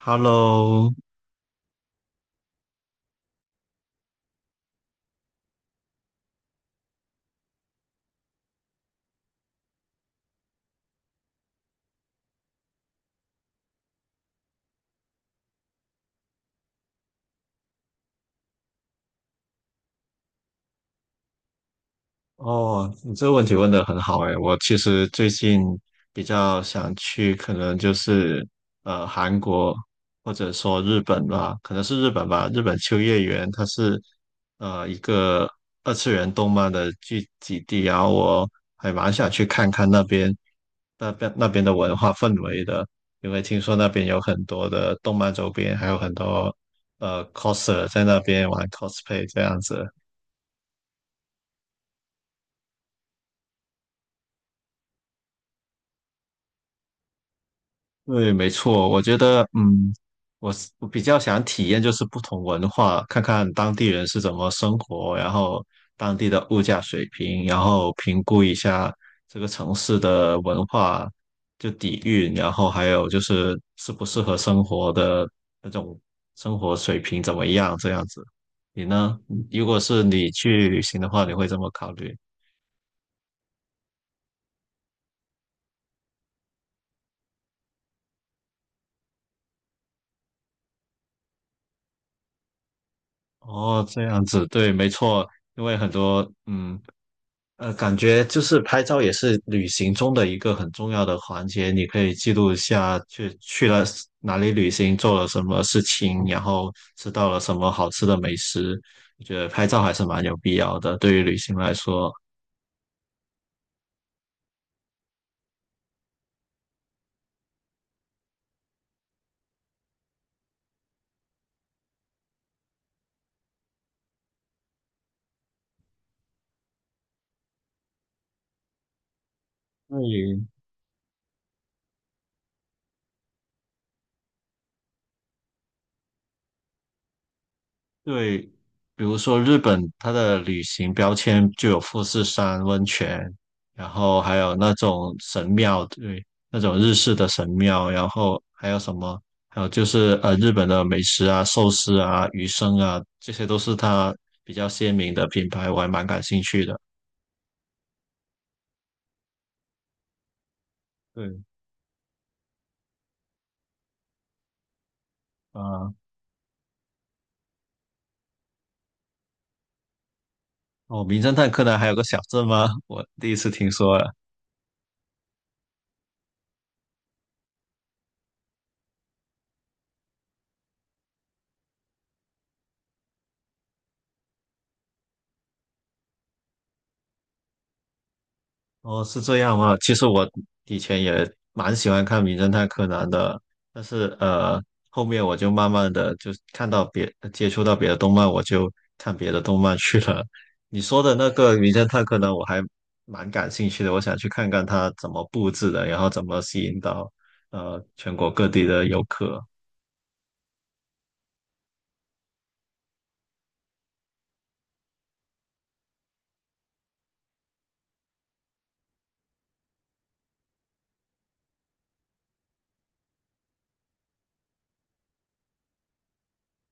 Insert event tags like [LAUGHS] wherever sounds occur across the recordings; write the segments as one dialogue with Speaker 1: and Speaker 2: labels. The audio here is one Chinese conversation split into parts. Speaker 1: Hello，哦，你这个问题问得很好诶，我其实最近比较想去，可能就是韩国或者说日本吧，可能是日本吧。日本秋叶原它是一个二次元动漫的聚集地，然后我还蛮想去看看那边那边的文化氛围的，因为听说那边有很多的动漫周边，还有很多coser 在那边玩 cosplay 这样子。对，没错，我觉得，嗯，我比较想体验就是不同文化，看看当地人是怎么生活，然后当地的物价水平，然后评估一下这个城市的文化就底蕴，然后还有就是适不适合生活的那种生活水平怎么样，这样子。你呢？如果是你去旅行的话，你会这么考虑？哦，这样子，对，没错，因为很多，嗯。感觉就是拍照也是旅行中的一个很重要的环节，你可以记录一下去了哪里旅行，做了什么事情，然后吃到了什么好吃的美食。我觉得拍照还是蛮有必要的，对于旅行来说。对，对，比如说日本，它的旅行标签就有富士山温泉，然后还有那种神庙，对，那种日式的神庙，然后还有什么？还有就是，日本的美食啊、寿司啊、鱼生啊，这些都是它比较鲜明的品牌，我还蛮感兴趣的。对，啊、哦，名侦探柯南还有个小镇吗？[LAUGHS] 我第一次听说，哦，是这样吗？其实我以前也蛮喜欢看《名侦探柯南》的，但是，后面我就慢慢的就看到别接触到别的动漫，我就看别的动漫去了。你说的那个《名侦探柯南》，我还蛮感兴趣的，我想去看看它怎么布置的，然后怎么吸引到全国各地的游客。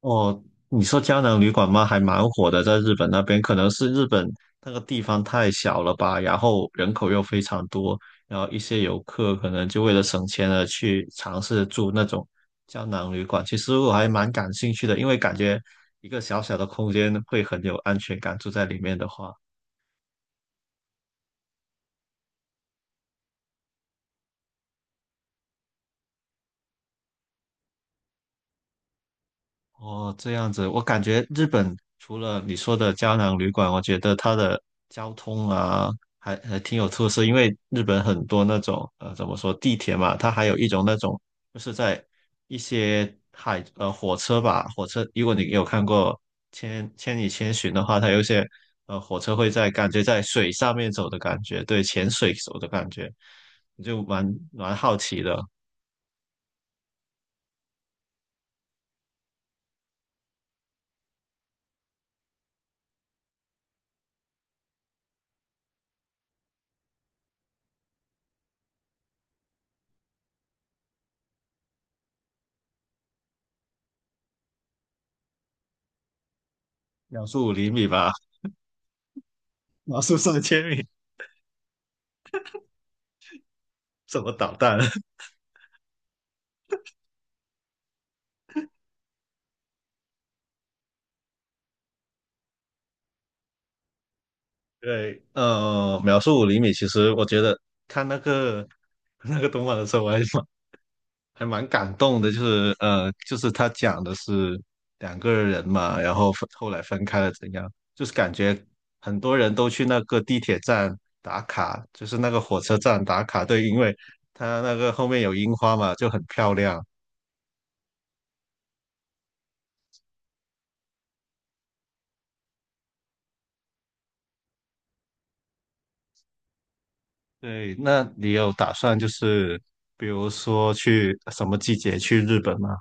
Speaker 1: 哦，你说胶囊旅馆吗？还蛮火的，在日本那边，可能是日本那个地方太小了吧，然后人口又非常多，然后一些游客可能就为了省钱而去尝试住那种胶囊旅馆。其实我还蛮感兴趣的，因为感觉一个小小的空间会很有安全感，住在里面的话。哦，这样子，我感觉日本除了你说的胶囊旅馆，我觉得它的交通啊，还挺有特色。因为日本很多那种，怎么说地铁嘛，它还有一种那种，就是在一些火车吧，火车，如果你有看过《千与千寻》的话，它有一些火车会在感觉在水上面走的感觉，对，潜水走的感觉，就蛮好奇的。秒速五厘米吧，秒速上千米，怎么导弹？[LAUGHS] 对，秒速五厘米，其实我觉得看那个 [LAUGHS] 那个动画的时候，我还蛮感动的，就是，就是他讲的是两个人嘛，然后后来分开了怎样，就是感觉很多人都去那个地铁站打卡，就是那个火车站打卡，对，因为他那个后面有樱花嘛，就很漂亮。对，那你有打算就是比如说去什么季节去日本吗？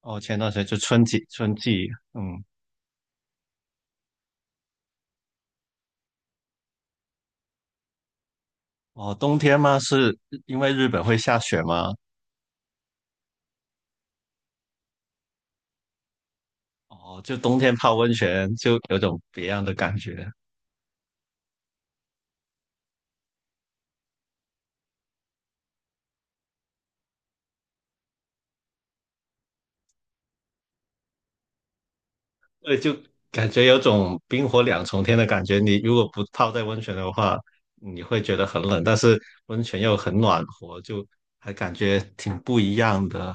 Speaker 1: 哦，前段时间就春季，春季，嗯。哦，冬天吗？是因为日本会下雪吗？哦，就冬天泡温泉就有种别样的感觉，对，就感觉有种冰火两重天的感觉。你如果不泡在温泉的话，你会觉得很冷，但是温泉又很暖和，就还感觉挺不一样的。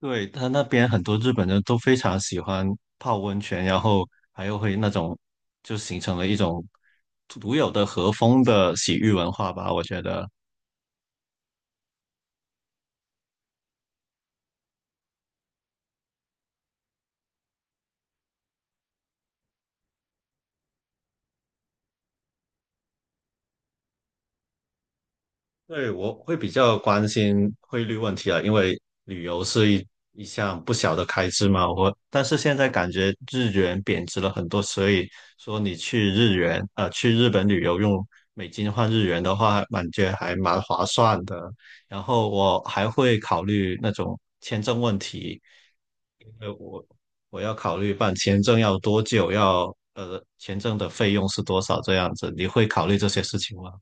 Speaker 1: 对，他那边很多日本人都非常喜欢泡温泉，然后还有会那种就形成了一种独有的和风的洗浴文化吧，我觉得。对，我会比较关心汇率问题啊，因为旅游是一项不小的开支嘛。我但是现在感觉日元贬值了很多，所以说你去日本旅游用美金换日元的话，感觉还蛮划算的。然后我还会考虑那种签证问题，因为我要考虑办签证要多久，要签证的费用是多少这样子。你会考虑这些事情吗？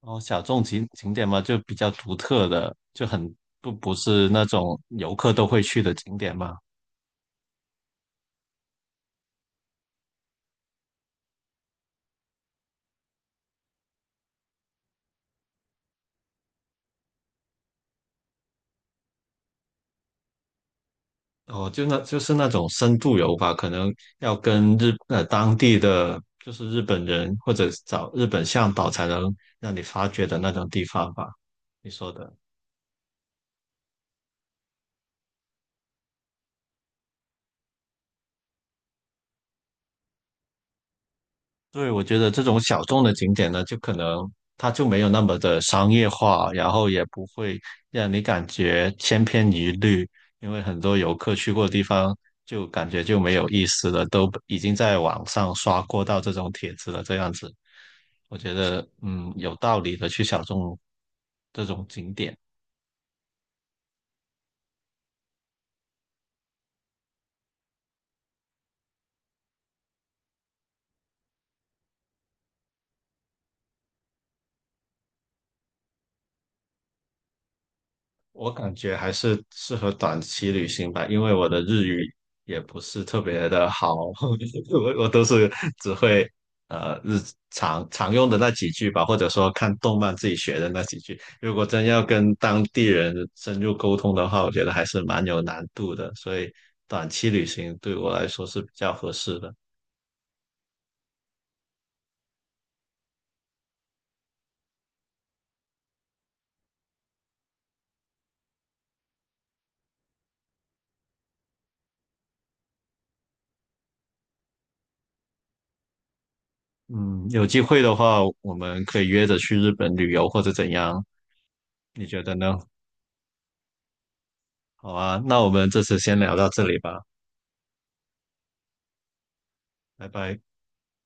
Speaker 1: 哦，小众景点嘛，就比较独特的，就很不是那种游客都会去的景点嘛。哦，就那就是那种深度游吧，可能要跟当地的就是日本人或者找日本向导才能让你发掘的那种地方吧。你说的。对，我觉得这种小众的景点呢，就可能它就没有那么的商业化，然后也不会让你感觉千篇一律，因为很多游客去过的地方就感觉就没有意思了，都已经在网上刷过到这种帖子了，这样子，我觉得嗯有道理的去小众这种景点。我感觉还是适合短期旅行吧，因为我的日语也不是特别的好，[LAUGHS] 我都是只会日常用的那几句吧，或者说看动漫自己学的那几句。如果真要跟当地人深入沟通的话，我觉得还是蛮有难度的，所以短期旅行对我来说是比较合适的。嗯，有机会的话，我们可以约着去日本旅游或者怎样，你觉得呢？好啊，那我们这次先聊到这里吧，拜拜。